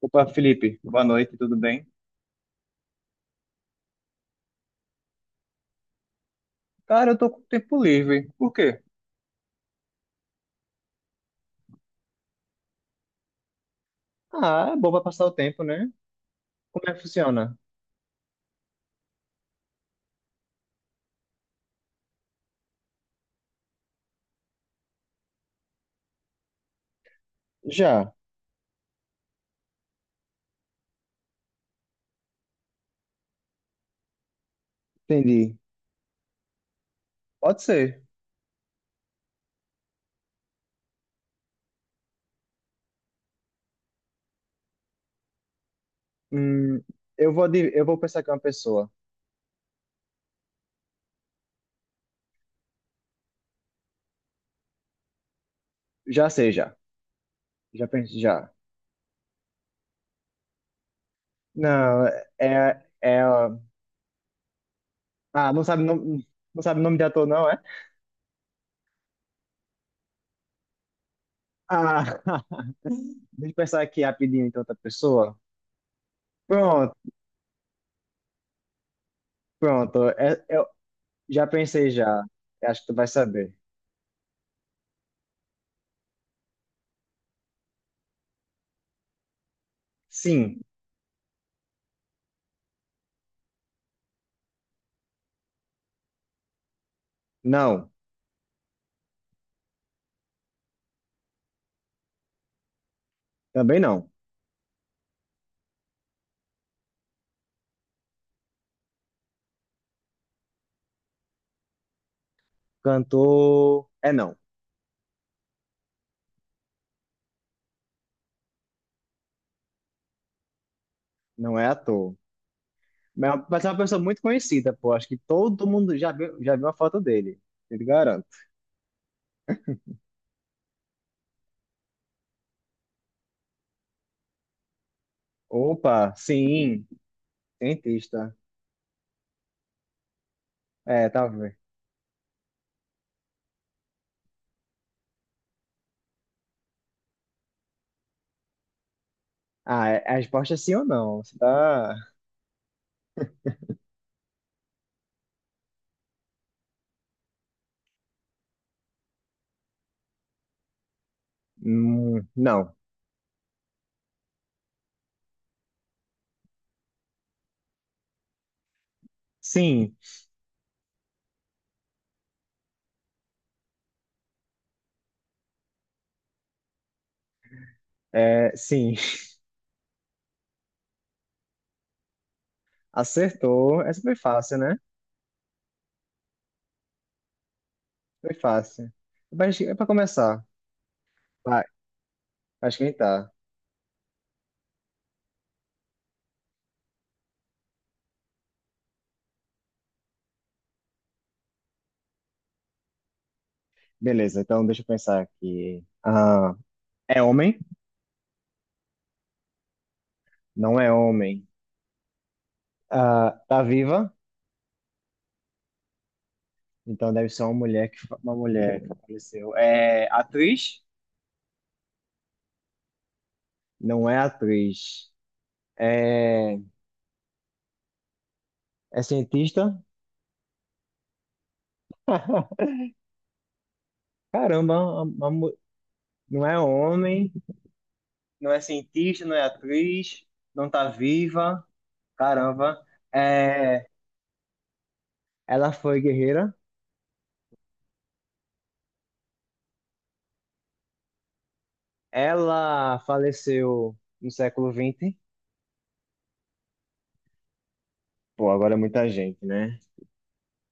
Opa, Felipe, boa noite, tudo bem? Cara, eu tô com tempo livre. Por quê? Ah, é bom pra passar o tempo, né? Como é que funciona? Já, entendi. Pode ser. Hum, eu vou pensar que é uma pessoa. Já sei, já. Já pensei, já. Não, é. Ah, não sabe, não, não sabe o nome de ator, não, é? Ah, deixa eu pensar aqui rapidinho, então, outra pessoa. Pronto, pronto. Eu já pensei, já. Eu acho que tu vai saber. Sim, não, também não. Cantor. É não, não é ator. Mas é uma pessoa muito conhecida, pô. Acho que todo mundo já viu a foto dele. Eu te garanto. Opa, sim, cientista. É, tá vendo? Ah, a resposta é sim ou não? Você tá. Não. Sim, é, sim. Acertou. Essa foi fácil, né? Foi fácil. Mas é pra começar. Vai, pra esquentar. Beleza, então deixa eu pensar aqui. Ah, é homem? Não é homem. Ah, tá viva? Então deve ser uma mulher uma mulher que faleceu. É atriz? Não é atriz. É, é cientista? Caramba, uma- uma mu- não é homem, não é cientista, não é atriz, não tá viva. Caramba. É, ela foi guerreira. Ela faleceu no século vinte. Pô, agora é muita gente, né?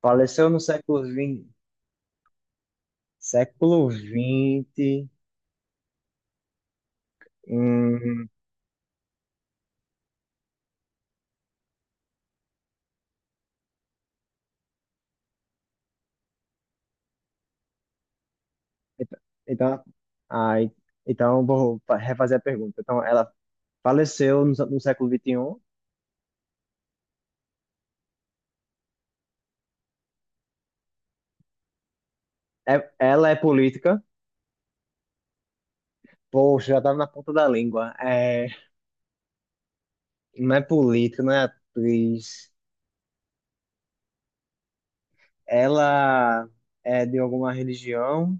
Faleceu no século vinte. Século vinte. hum, Então, então, ah, então refazer a pergunta. Então, ela faleceu no século XXI. É, ela é política. Poxa, já estava na ponta da língua. É, não é política, não é atriz. Ela é de alguma religião.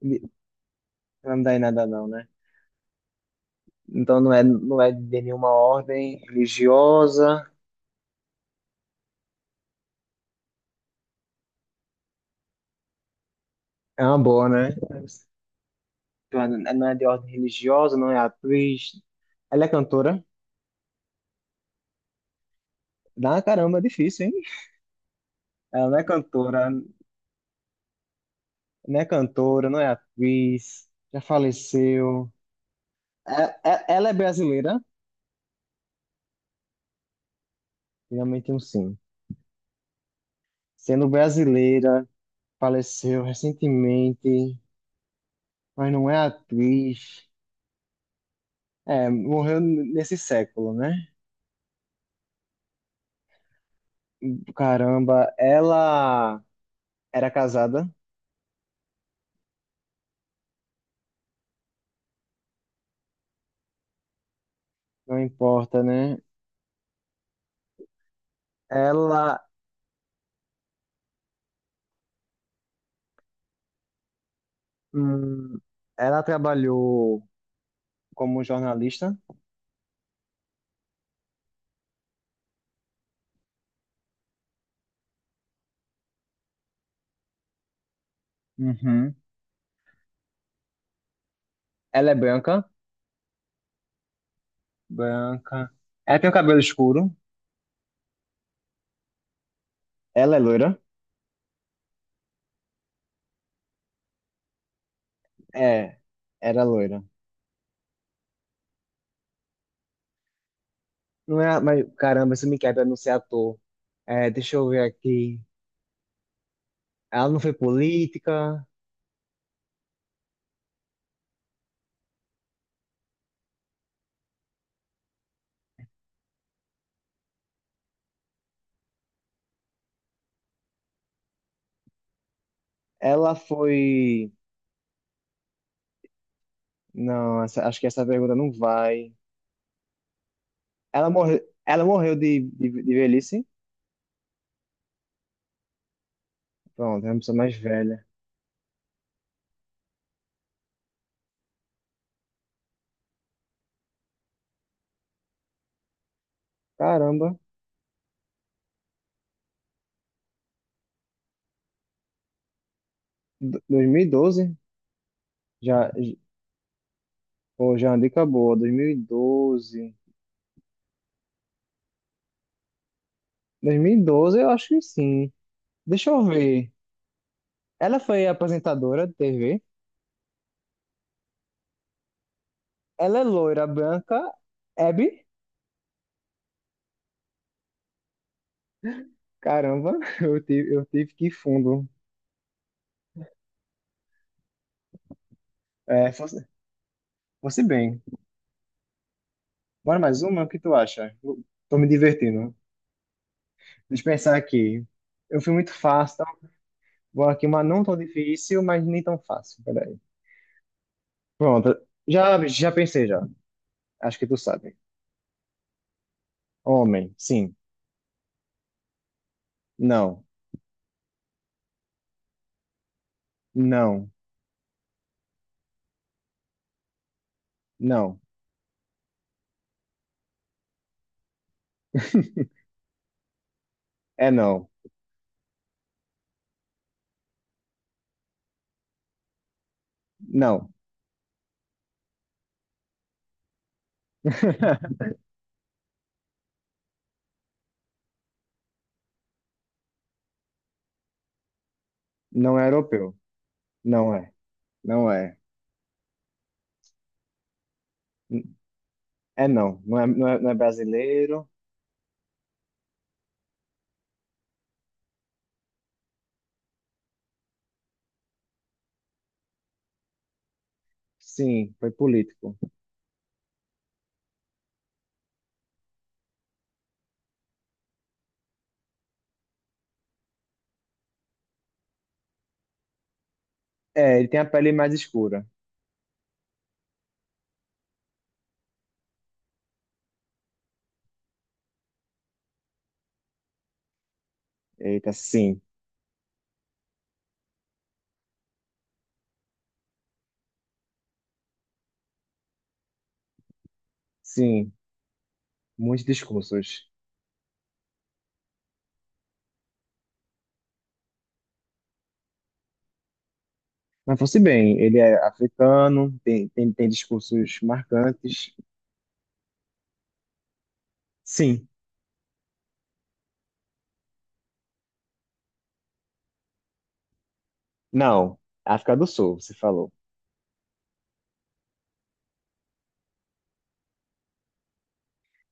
De- Não dá em nada, não, né? Então, não é de nenhuma ordem religiosa. É uma boa, né? Então, não é de ordem religiosa, não é atriz. Ela é cantora. Dá uma caramba, é difícil, hein? Ela não é cantora, não é atriz, já faleceu. Ela é brasileira? Finalmente um sim. Sendo brasileira, faleceu recentemente, mas não é atriz. É, morreu nesse século, né? Caramba, ela era casada, não importa, né? Ela, hum, ela trabalhou como jornalista. Uhum. Ela é branca, branca. Ela tem o cabelo escuro. Ela é loira? É, era loira. Não é, mas caramba, isso me quebra não ser ator. É, deixa eu ver aqui. Ela não foi política. Ela foi. Não, acho que essa pergunta não vai. Ela morreu, ela morreu de velhice. Pronto, é uma pessoa mais velha. Caramba, 2012? Já, pô, já é uma dica boa. 2012. 2012, eu acho que sim. Deixa eu ver. Ela foi apresentadora de TV? Ela é loira, branca, Abby? Caramba, eu tive que ir fundo. É, fosse bem. Bora mais uma? O que tu acha? Eu tô me divertindo. Deixa eu pensar aqui. Eu fui muito fácil, tá? Vou aqui uma não tão difícil, mas nem tão fácil. Peraí. Pronto. Já, já pensei, já. Acho que tu sabe. Homem, sim. Não. Não. Não. É não. Não. Não é europeu. Não é. Não é. É não, não é, brasileiro. Sim, foi político. É, ele tem a pele mais escura. Eita, sim, sim, muitos discursos. Mas fosse bem, ele é africano, tem discursos marcantes. Sim, não, África do Sul, você falou.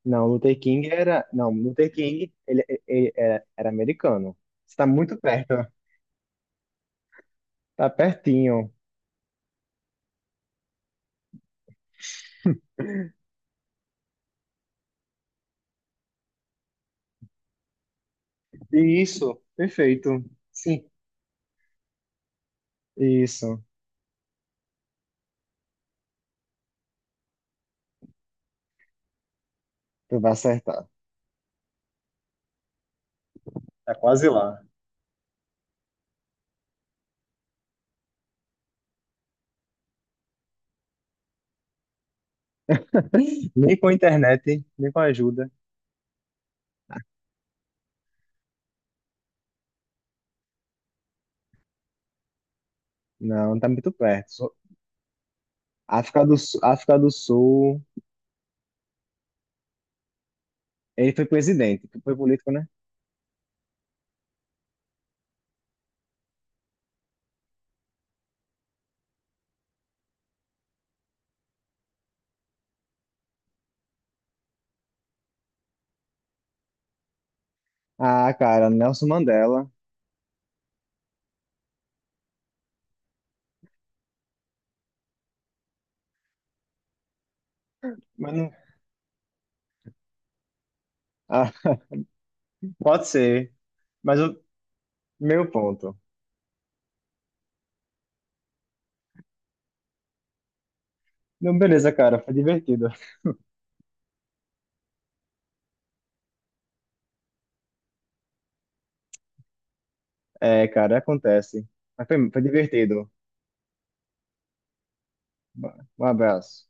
Não, Luther King era. Não, Luther King, ele era americano. Você está muito perto, tá pertinho. Isso, perfeito. Sim, isso, tu vai acertar. Tá quase lá. Nem com internet, nem com ajuda. Não, não tá muito perto. África do Sul, ele foi presidente, foi político, né? Ah, cara, Nelson Mandela. Mas não, ah, pode ser, mas o meu ponto. Não, beleza, cara, foi divertido. É, cara, acontece. Mas foi divertido. Um abraço.